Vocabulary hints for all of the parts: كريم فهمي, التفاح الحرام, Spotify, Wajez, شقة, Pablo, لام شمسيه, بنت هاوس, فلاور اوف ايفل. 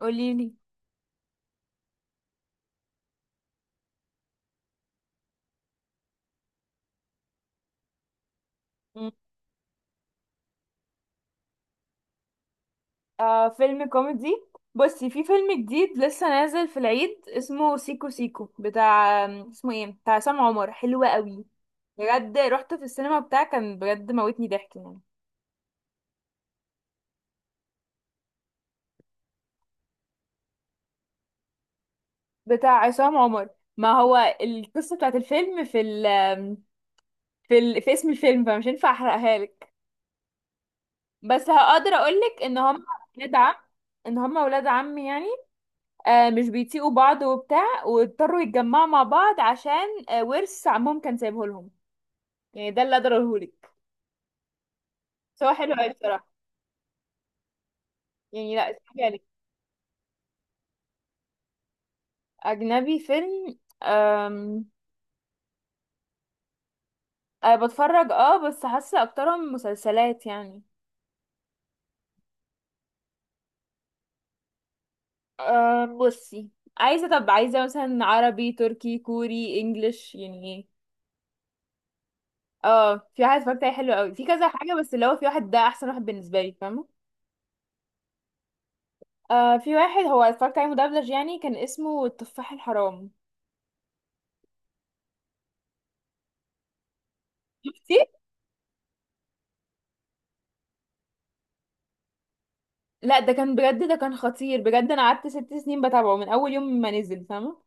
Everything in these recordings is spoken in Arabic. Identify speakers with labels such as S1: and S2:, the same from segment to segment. S1: قوليلي. مم. آه، فيلم كوميدي. بصي، في فيلم جديد لسه نازل في العيد اسمه سيكو سيكو، بتاع اسمه ايه، بتاع عصام عمر، حلو قوي. بجد رحت في السينما بتاع، كان بجد موتني ضحك يعني. بتاع عصام عمر. ما هو القصة بتاعت الفيلم في اسم الفيلم، فمش هينفع احرقها لك. بس هقدر اقولك ولاد عم ان هم ولاد عم يعني. آه، مش بيطيقوا بعض وبتاع، واضطروا يتجمعوا مع بعض عشان آه، ورث عمهم كان سايبه لهم. يعني ده اللي اقدر اقولهولك. بس هو حلو قوي بصراحه. يعني لا، اتفرجي عليه. اجنبي فيلم أه بتفرج، بس حاسه اكترهم مسلسلات يعني. بصي، عايزه، طب عايزه مثلا عربي تركي كوري انجليش يعني ايه. اه، في واحد اتفرجت عليه حلو قوي، في كذا حاجه، بس اللي هو في واحد ده احسن واحد بالنسبه لي، فاهمه. آه، في واحد هو اتفرجت عليه مدبلج يعني، كان اسمه التفاح الحرام. شفتي؟ لا، ده كان بجد، ده كان خطير بجد. انا قعدت ست سنين بتابعه من اول يوم ما نزل، فاهمه.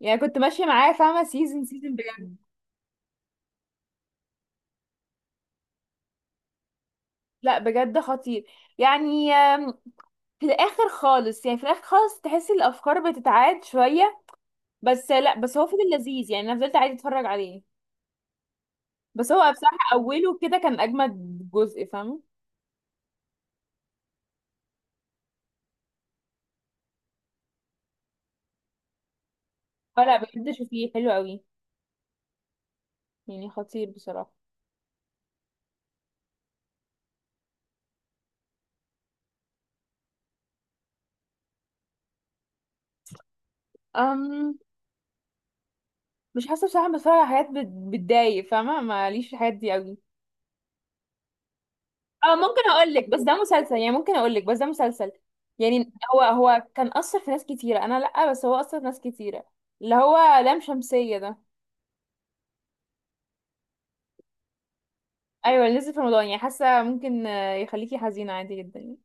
S1: يعني كنت ماشيه معاه، فاهمه، سيزون سيزون، بجد. لا بجد خطير. يعني في الاخر خالص، يعني في الاخر خالص تحس الافكار بتتعاد شويه. بس لا، بس هو فضل لذيذ يعني، انا فضلت عادي اتفرج عليه. بس هو بصراحه اوله كده كان اجمد جزء، فاهمه. فلا بجد، شوفيه حلو قوي. يعني خطير بصراحه. أم مش حاسه بصراحه، بتفرج على حاجات بتضايق فاهمه، ماليش في الحاجات دي قوي. اه ممكن اقول لك بس ده مسلسل. يعني هو كان اثر في ناس كتيره، انا لا، بس هو اثر في ناس كتيره. اللي هو لام شمسيه ده. ايوه اللي نزل في رمضان. يعني حاسه ممكن آه، يخليكي حزينه عادي جدا يعني.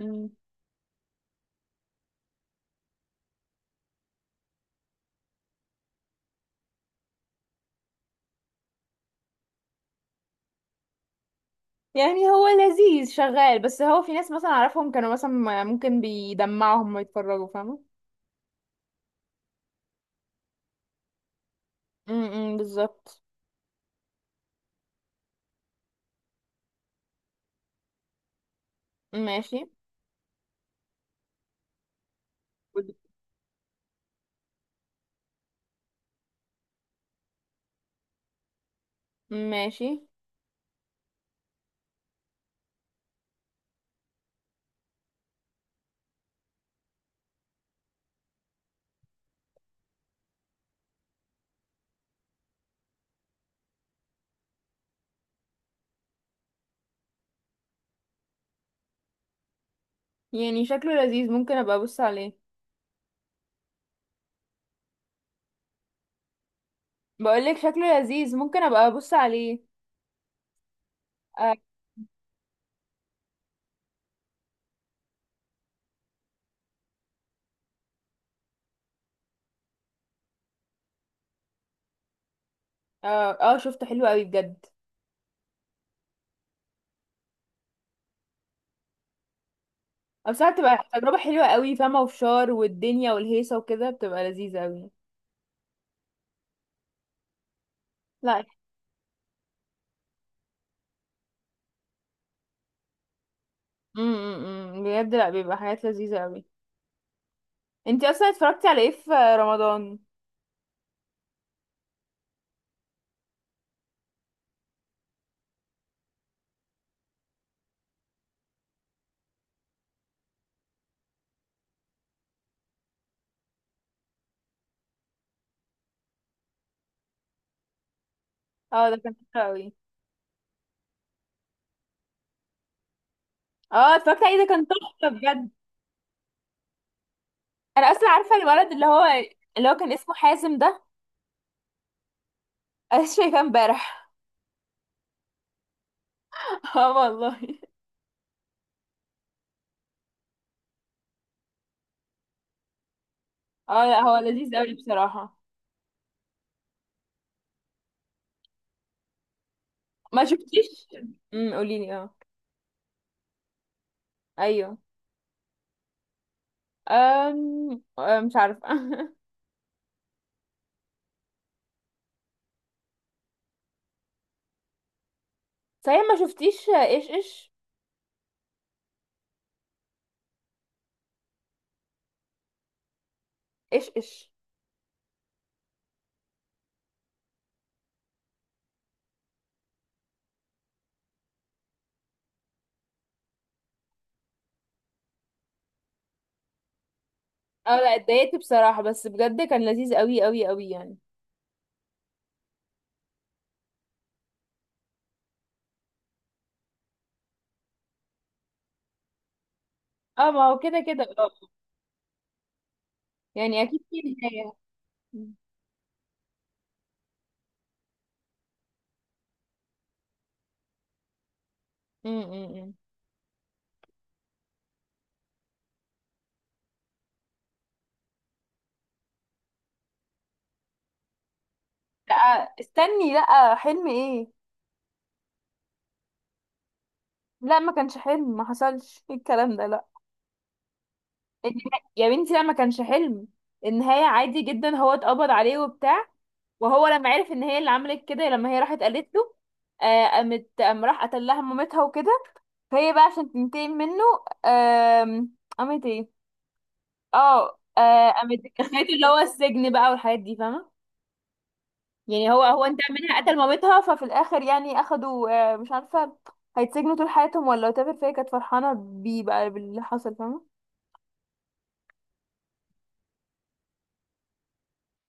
S1: مم. يعني هو لذيذ شغال، بس هو في ناس مثلا اعرفهم كانوا مثلا ممكن بيدمعهم ما يتفرجوا، فاهمه. بالظبط. ماشي. ماشي. يعني شكله لذيذ، ممكن ابقى ابص عليه. بقولك شكله لذيذ ممكن ابقى ابص عليه. آه، اه اه، شفته حلو قوي بجد. او ساعات بتبقى تجربة حلوة قوي، فاهمة، وفشار والدنيا والهيصة وكده بتبقى لذيذة قوي. لا. امم، بجد لا، بيبقى حاجات لذيذة قوي. انتي اصلا اتفرجتي على ايه في رمضان؟ اه ده كان حلو قوي. اه اتفرجت عليه، ده كان تحفة بجد. انا اصلا عارفة الولد اللي هو، اللي هو كان اسمه حازم ده. انا لسه شايفاه امبارح. اه والله. اه لا هو لذيذ قوي بصراحة. ما شفتيش. قوليلي، اه. ايوه. أم... أم، مش عارفة. صحيح، ما شفتيش ايش ايش؟ ايش ايش. اه لا، اتضايقت بصراحة، بس بجد كان لذيذ قوي قوي قوي يعني. اه ما هو كده كده اه. يعني اكيد في نهاية. م- م- م. لا، استني، لا، حلم ايه؟ لا ما كانش حلم، ما حصلش، إيه الكلام ده، لا. يا بنتي لا، ما كانش حلم. النهاية عادي جدا، هو اتقبض عليه وبتاع. وهو لما عرف ان هي اللي عملت كده، لما هي راحت قالت له، آه قامت قام راح قتل لها مامتها وكده. فهي بقى عشان تنتقم منه، قامت ايه، اه آه، قامت دخلته اللي هو السجن بقى والحاجات دي، فاهمة. يعني هو انت منها قتل مامتها، ففي الاخر يعني اخدوا آه، مش عارفة، هيتسجنوا طول حياتهم ولا whatever. فهي كانت فرحانة بيه بقى باللي حصل، فاهمة.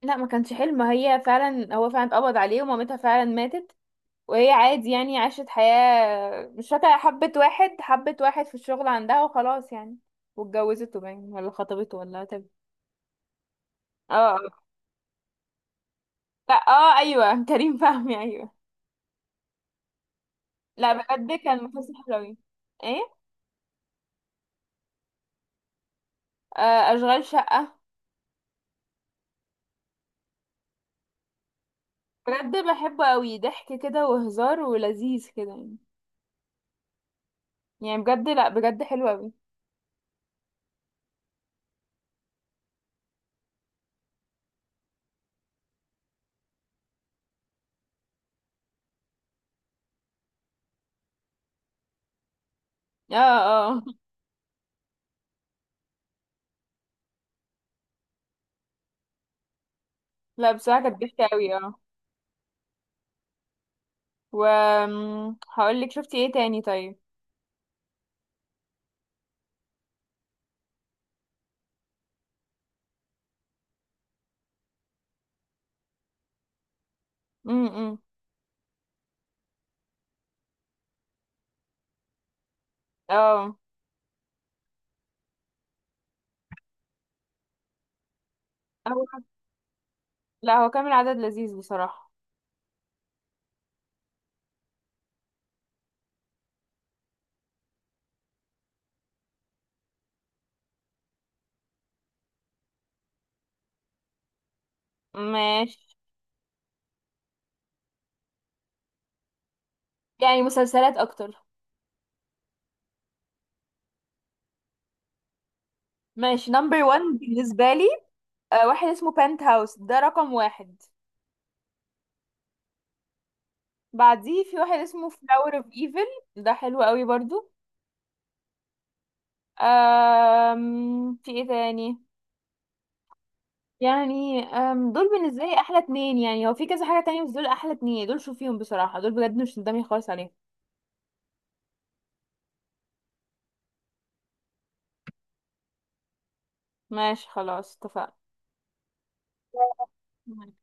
S1: لا ما كانش حلم، هي فعلا، هو فعلا اتقبض عليه، ومامتها فعلا ماتت. وهي عادي يعني، عاشت حياة مش فاكرة، حبت واحد، حبت واحد في الشغل عندها، وخلاص يعني. واتجوزته باين ولا خطبته ولا تب. اه آه. لا اه ايوه كريم فهمي، ايوه. لا بجد كان مسلسل حلو اوي. ايه. آه اشغال شقة. بجد بحبه اوي، ضحك كده وهزار ولذيذ كده يعني. يعني بجد لا بجد حلو اوي. اه اه لا بصراحة كانت ضحكة اوي اه. و هقول لك، شفتي ايه تاني طيب؟ امم اه. هو لا هو كامل عدد لذيذ بصراحة. ماشي. يعني مسلسلات اكتر. ماشي، نمبر وان بالنسبة لي. آه، واحد اسمه بنت هاوس، ده رقم واحد. بعديه، في واحد اسمه فلاور اوف ايفل، ده حلو قوي برضو. في ايه تاني؟ يعني دول بالنسبة لي احلى اتنين، يعني هو في كذا حاجة تانية، بس دول احلى اتنين، دول شوفيهم بصراحة، دول بجد مش ندمي خالص عليهم. ماشي خلاص. اتفقنا.